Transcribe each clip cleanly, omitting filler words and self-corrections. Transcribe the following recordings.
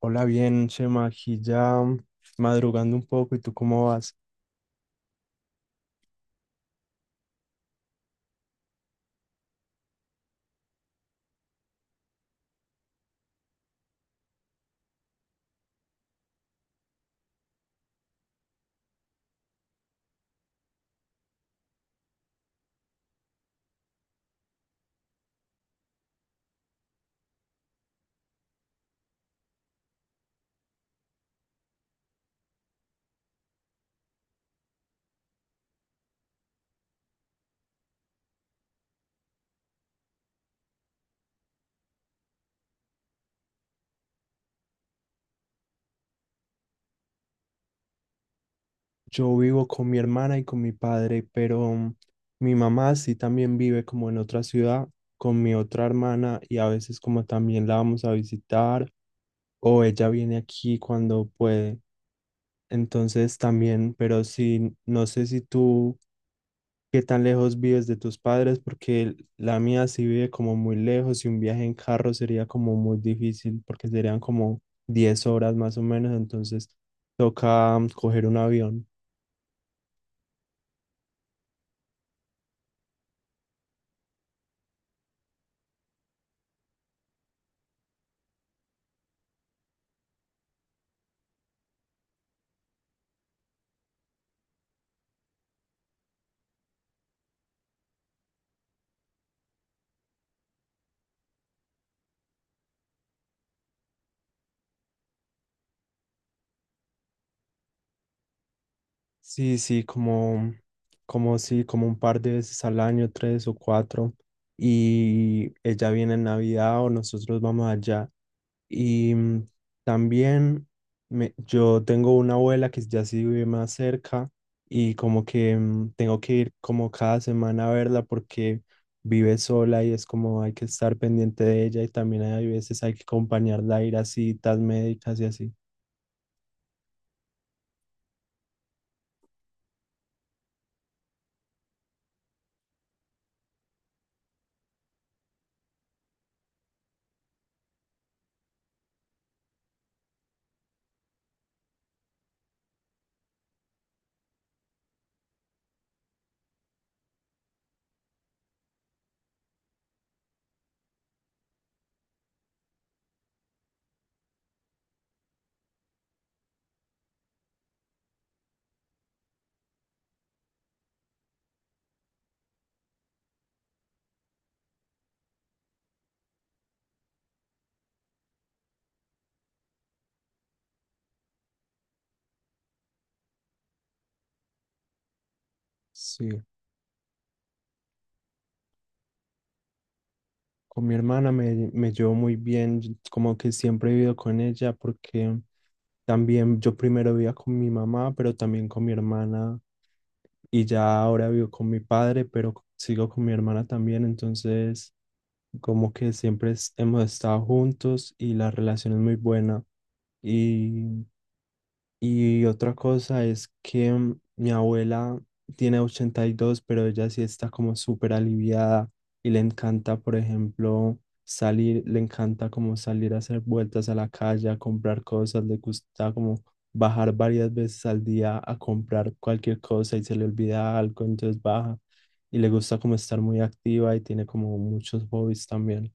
Hola, bien, Chema, aquí ya madrugando un poco, ¿y tú cómo vas? Yo vivo con mi hermana y con mi padre, pero mi mamá sí también vive como en otra ciudad con mi otra hermana y a veces como también la vamos a visitar o ella viene aquí cuando puede. Entonces también, pero sí, no sé si tú. ¿Qué tan lejos vives de tus padres? Porque la mía sí vive como muy lejos y un viaje en carro sería como muy difícil porque serían como 10 horas más o menos, entonces toca coger un avión. Sí, sí, como sí, como un par de veces al año, tres o cuatro, y ella viene en Navidad o nosotros vamos allá. Y mm, También yo tengo una abuela que ya sí vive más cerca y como que tengo que ir como cada semana a verla porque vive sola y es como hay que estar pendiente de ella y también hay veces hay que acompañarla a ir a citas médicas y así. Sí, con mi hermana me llevo muy bien, yo como que siempre he vivido con ella porque también yo primero vivía con mi mamá, pero también con mi hermana y ya ahora vivo con mi padre, pero sigo con mi hermana también, entonces como que siempre hemos estado juntos y la relación es muy buena. Y y otra cosa es que mi abuela tiene 82, pero ella sí está como súper aliviada y le encanta, por ejemplo, salir, le encanta como salir a hacer vueltas a la calle, a comprar cosas, le gusta como bajar varias veces al día a comprar cualquier cosa y se le olvida algo, entonces baja y le gusta como estar muy activa y tiene como muchos hobbies también.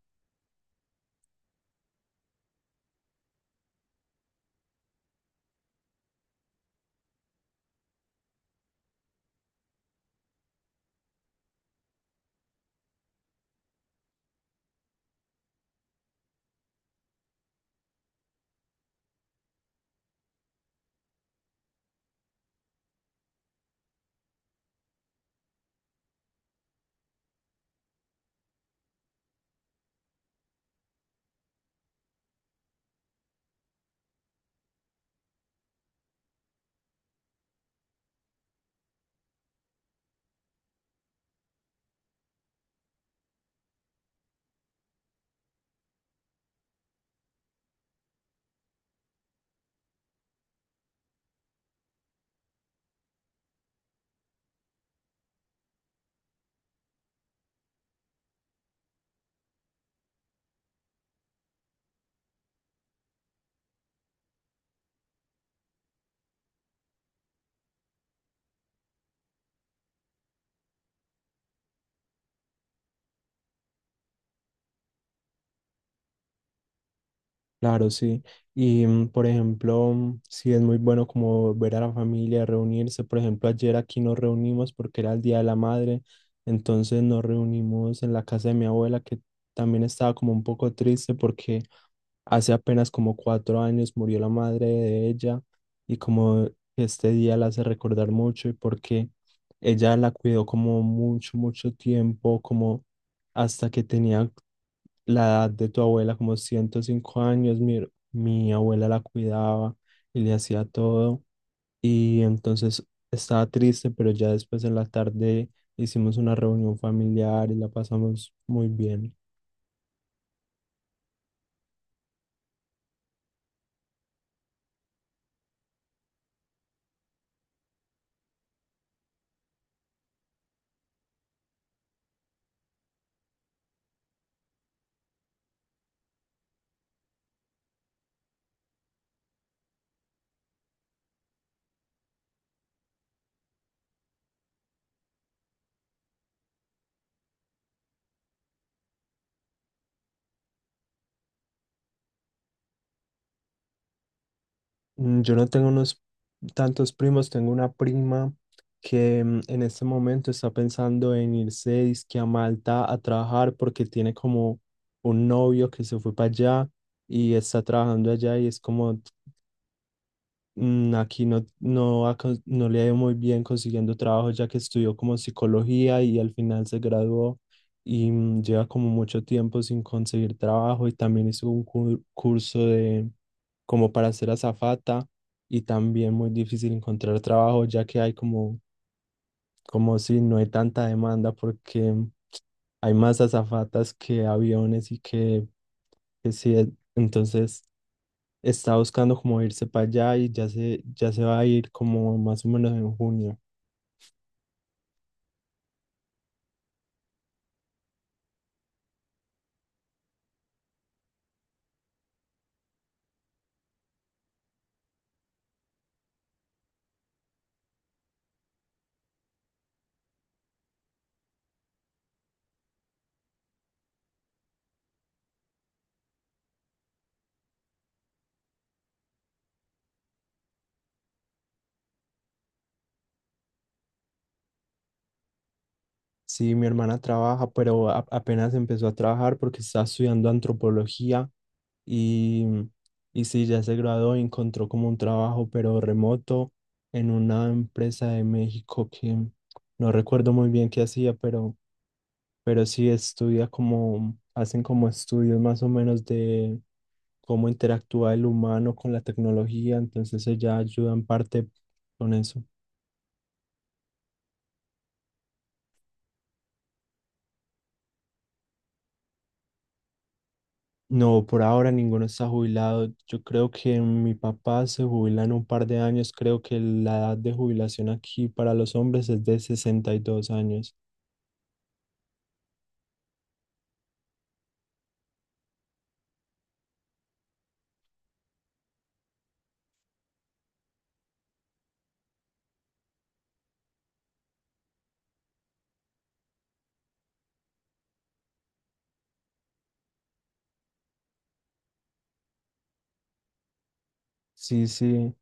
Claro, sí. Por ejemplo, sí es muy bueno como ver a la familia, reunirse. Por ejemplo, ayer aquí nos reunimos porque era el Día de la Madre. Entonces nos reunimos en la casa de mi abuela, que también estaba como un poco triste porque hace apenas como 4 años murió la madre de ella. Y como este día la hace recordar mucho y porque ella la cuidó como mucho, mucho tiempo, como hasta que tenía la edad de tu abuela, como 105 años, mi abuela la cuidaba y le hacía todo. Y entonces estaba triste, pero ya después en la tarde hicimos una reunión familiar y la pasamos muy bien. Yo no tengo unos tantos primos, tengo una prima que en este momento está pensando en irse dizque a Malta a trabajar porque tiene como un novio que se fue para allá y está trabajando allá y es como aquí ha no le ha ido muy bien consiguiendo trabajo ya que estudió como psicología y al final se graduó y lleva como mucho tiempo sin conseguir trabajo y también hizo un curso de como para ser azafata y también muy difícil encontrar trabajo ya que hay como si no hay tanta demanda porque hay más azafatas que aviones que sí, entonces está buscando como irse para allá y ya se va a ir como más o menos en junio. Sí, mi hermana trabaja, pero apenas empezó a trabajar porque está estudiando antropología y, y sí, ya se graduó y encontró como un trabajo, pero remoto en una empresa de México que no recuerdo muy bien qué hacía, pero sí estudia como, hacen como estudios más o menos de cómo interactúa el humano con la tecnología, entonces ella ayuda en parte con eso. No, por ahora ninguno está jubilado. Yo creo que mi papá se jubila en un par de años. Creo que la edad de jubilación aquí para los hombres es de 62 años. Sí, sí,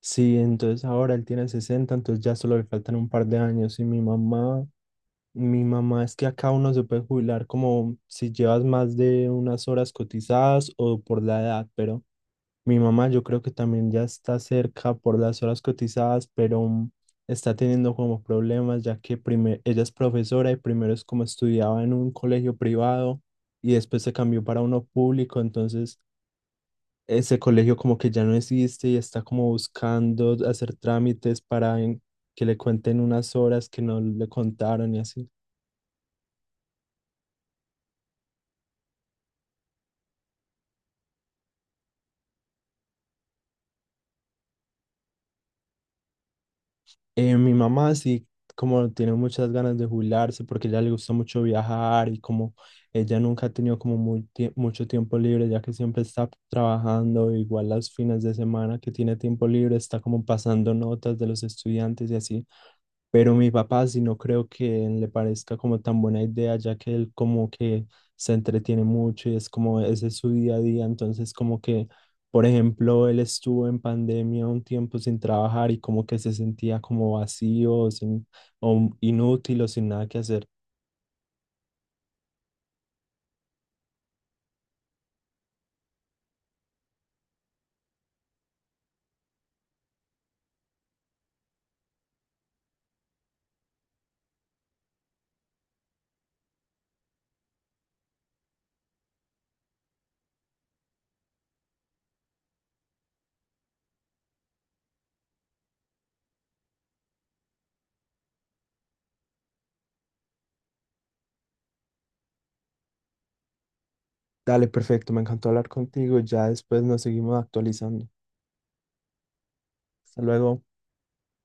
sí, entonces ahora él tiene 60, entonces ya solo le faltan un par de años. Y mi mamá es que acá uno se puede jubilar como si llevas más de unas horas cotizadas o por la edad, pero... Mi mamá yo creo que también ya está cerca por las horas cotizadas, pero está teniendo como problemas ya que ella es profesora y primero es como estudiaba en un colegio privado y después se cambió para uno público, entonces ese colegio como que ya no existe y está como buscando hacer trámites para que le cuenten unas horas que no le contaron y así. Mi mamá sí, como tiene muchas ganas de jubilarse porque a ella le gusta mucho viajar y como ella nunca ha tenido como muy mucho tiempo libre, ya que siempre está trabajando, igual los fines de semana que tiene tiempo libre, está como pasando notas de los estudiantes y así. Pero mi papá sí no creo que le parezca como tan buena idea, ya que él como que se entretiene mucho y es como ese es su día a día. Entonces como que, por ejemplo, él estuvo en pandemia un tiempo sin trabajar y como que se sentía como vacío, sin, o inútil o sin nada que hacer. Dale, perfecto, me encantó hablar contigo. Ya después nos seguimos actualizando. Hasta luego.